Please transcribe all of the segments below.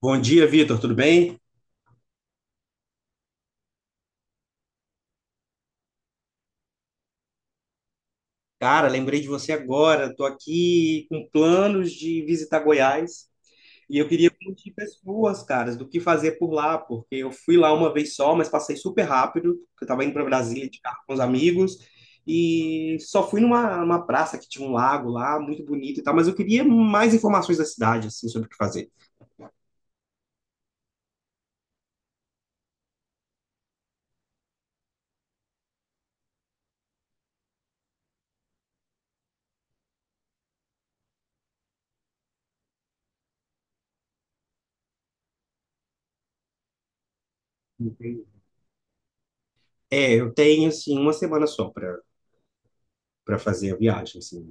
Bom dia, Vitor, tudo bem? Cara, lembrei de você agora. Estou aqui com planos de visitar Goiás e eu queria pedir pessoas, caras, do que fazer por lá, porque eu fui lá uma vez só, mas passei super rápido, porque eu estava indo para Brasília de carro com os amigos e só fui numa praça que tinha um lago lá, muito bonito e tal, mas eu queria mais informações da cidade, assim, sobre o que fazer. Entendi. É, eu tenho, assim, uma semana só para fazer a viagem, assim.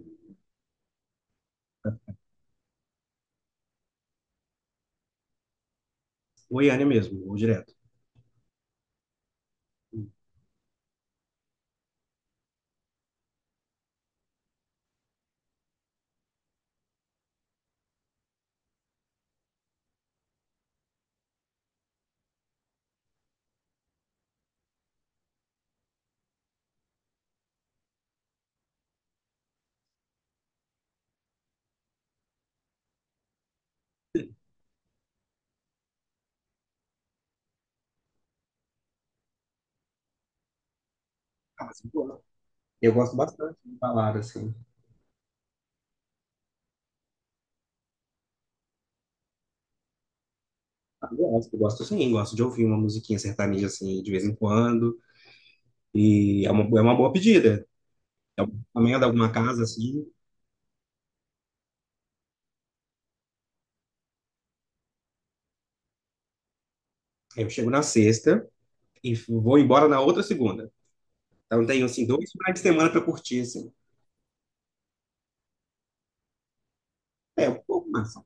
Goiânia mesmo, vou direto. Ah, mas eu gosto bastante de balada, assim. Ah, eu gosto, eu gosto sim, gosto de ouvir uma musiquinha sertaneja, assim, de vez em quando. É uma boa pedida. Eu encomendo alguma casa, assim, eu chego na sexta e vou embora na outra segunda. Então tenho, assim, dois finais de semana para curtir, assim. É, um pouco mais, assim,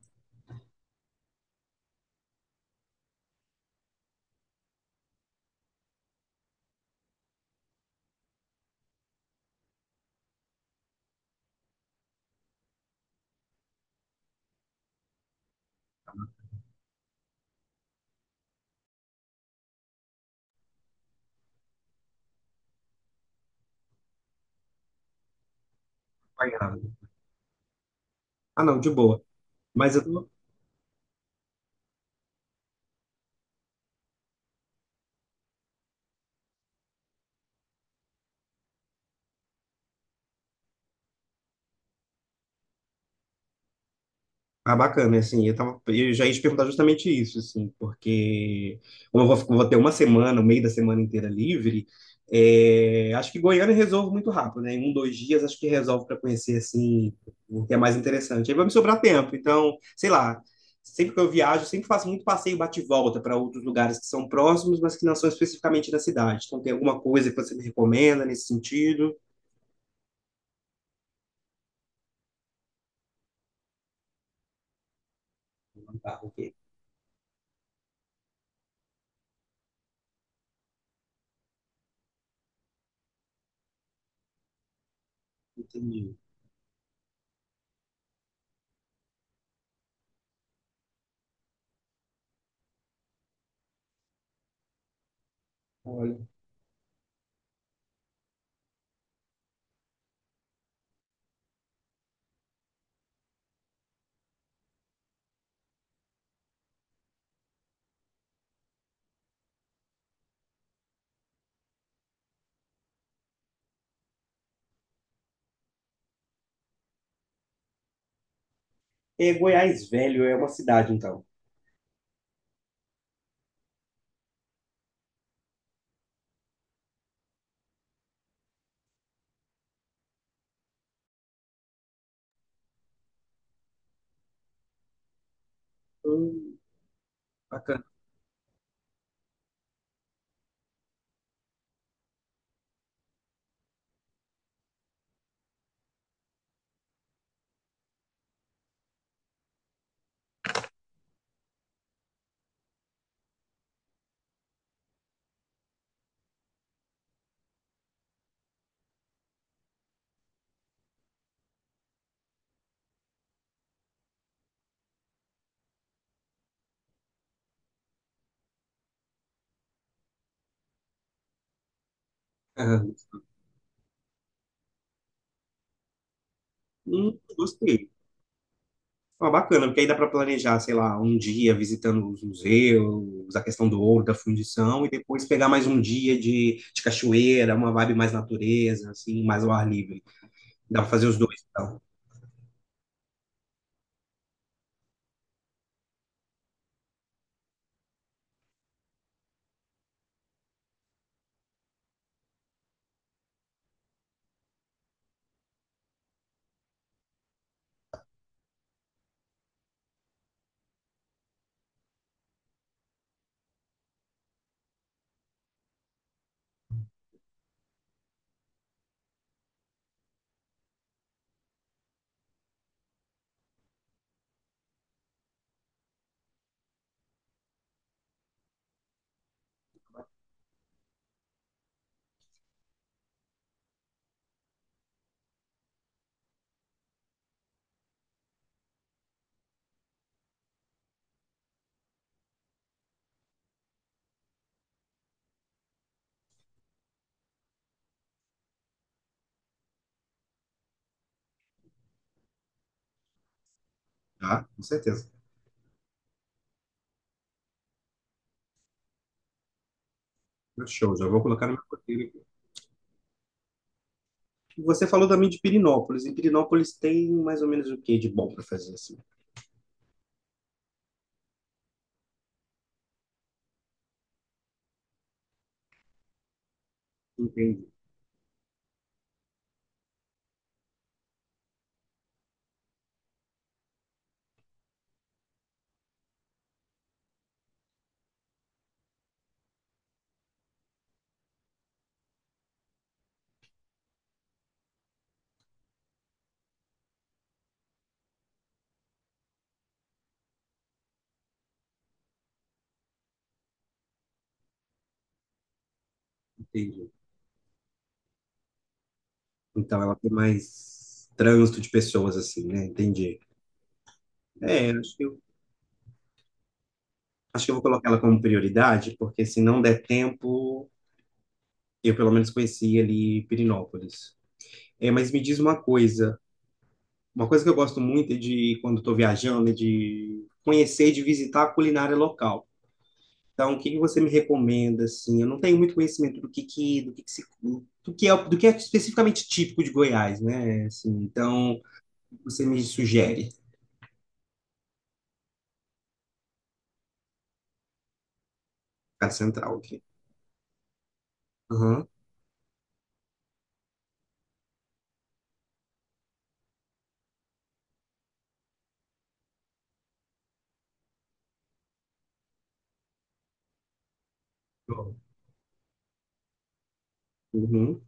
acompanhado. Ah, não, de boa. Mas eu tô. Ah, bacana, assim, eu tava, eu já ia te perguntar justamente isso, assim, porque como eu vou, vou ter uma semana, o meio da semana inteira livre, é, acho que Goiânia resolve muito rápido, né? Em um, dois dias acho que resolve para conhecer, assim, o que é mais interessante. Aí vai me sobrar tempo, então, sei lá, sempre que eu viajo, sempre faço muito passeio bate-volta para outros lugares que são próximos, mas que não são especificamente da cidade. Então, tem alguma coisa que você me recomenda nesse sentido? Tá, ok, entendi. Olha, é, Goiás Velho é uma cidade, então. Hum. Bacana. Aham. Gostei. Ah, bacana, porque aí dá para planejar, sei lá, um dia visitando os museus, a questão do ouro, da fundição, e depois pegar mais um dia de cachoeira, uma vibe mais natureza, assim, mais ao ar livre. Dá para fazer os dois, então. Tá? Com certeza. Show, já vou colocar no meu roteiro aqui. Você falou também de Pirinópolis, e Pirinópolis tem mais ou menos o que de bom para fazer, assim? Entendi, entendi. Então ela tem mais trânsito de pessoas, assim, né? Entendi. É, acho que, acho que eu vou colocar ela como prioridade, porque se não der tempo, eu pelo menos conheci ali Pirinópolis. É, mas me diz uma coisa que eu gosto muito é de quando estou viajando, é de conhecer e de visitar a culinária local. Então, o que que você me recomenda assim? Eu não tenho muito conhecimento do que se, do que é especificamente típico de Goiás, né? Assim, então, o que você me sugere. Casa Central aqui. Aham. Uhum.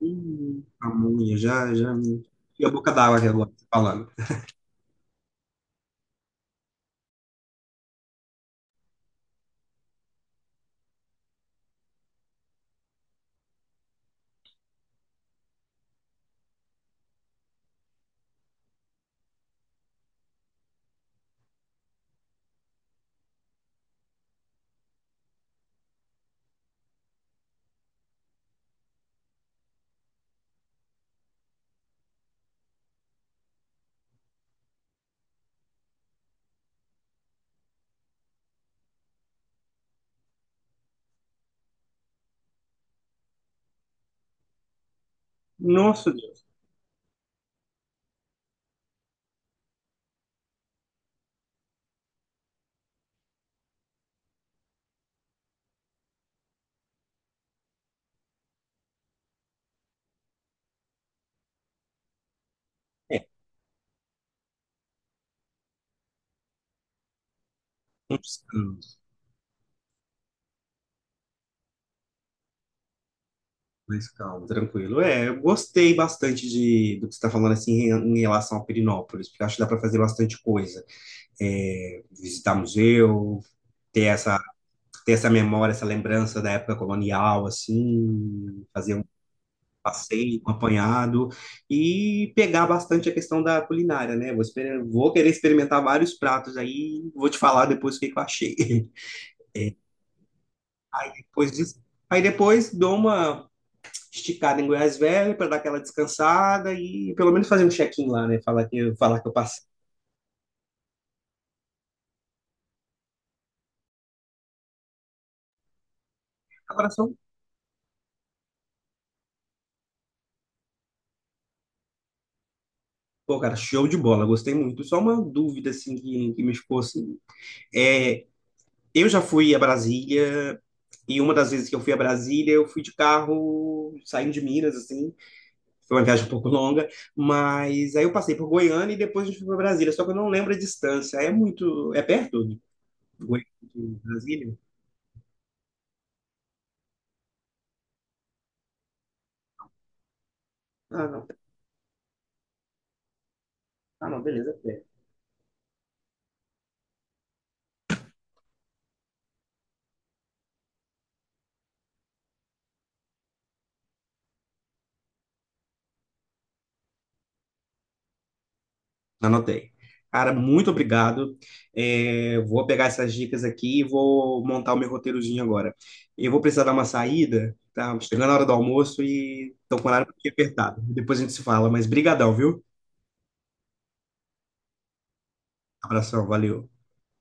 Pamonha, já, já. E a boca d'água aqui agora, falando. Nossa, Deus. É, um descanso, mais calmo, tranquilo. É, eu gostei bastante do que você está falando, assim, em, em relação a Perinópolis, porque eu acho que dá para fazer bastante coisa. É, visitar museu, ter essa, ter essa memória, essa lembrança da época colonial, assim, fazer passeio, um apanhado e pegar bastante a questão da culinária, né? Vou querer experimentar vários pratos aí, vou te falar depois o que que eu achei. Depois disso. Aí depois dou uma esticada em Goiás Velho para dar aquela descansada e pelo menos fazer um check-in lá, né? Falar que eu passei. Agora só. Pô, cara, show de bola, gostei muito. Só uma dúvida assim que me ficou assim. É, eu já fui a Brasília e uma das vezes que eu fui a Brasília, eu fui de carro saindo de Minas, assim, foi uma viagem um pouco longa, mas aí eu passei por Goiânia e depois a gente foi para Brasília, só que eu não lembro a distância. É muito. É perto de Goiânia de Brasília? Ah, não. Ah, não, beleza, é perto. Anotei. Cara, muito obrigado. É, vou pegar essas dicas aqui e vou montar o meu roteirozinho agora. Eu vou precisar dar uma saída, tá? Chegando a hora do almoço e tô com o horário aqui apertado. Depois a gente se fala, mas brigadão, viu? Abração, valeu.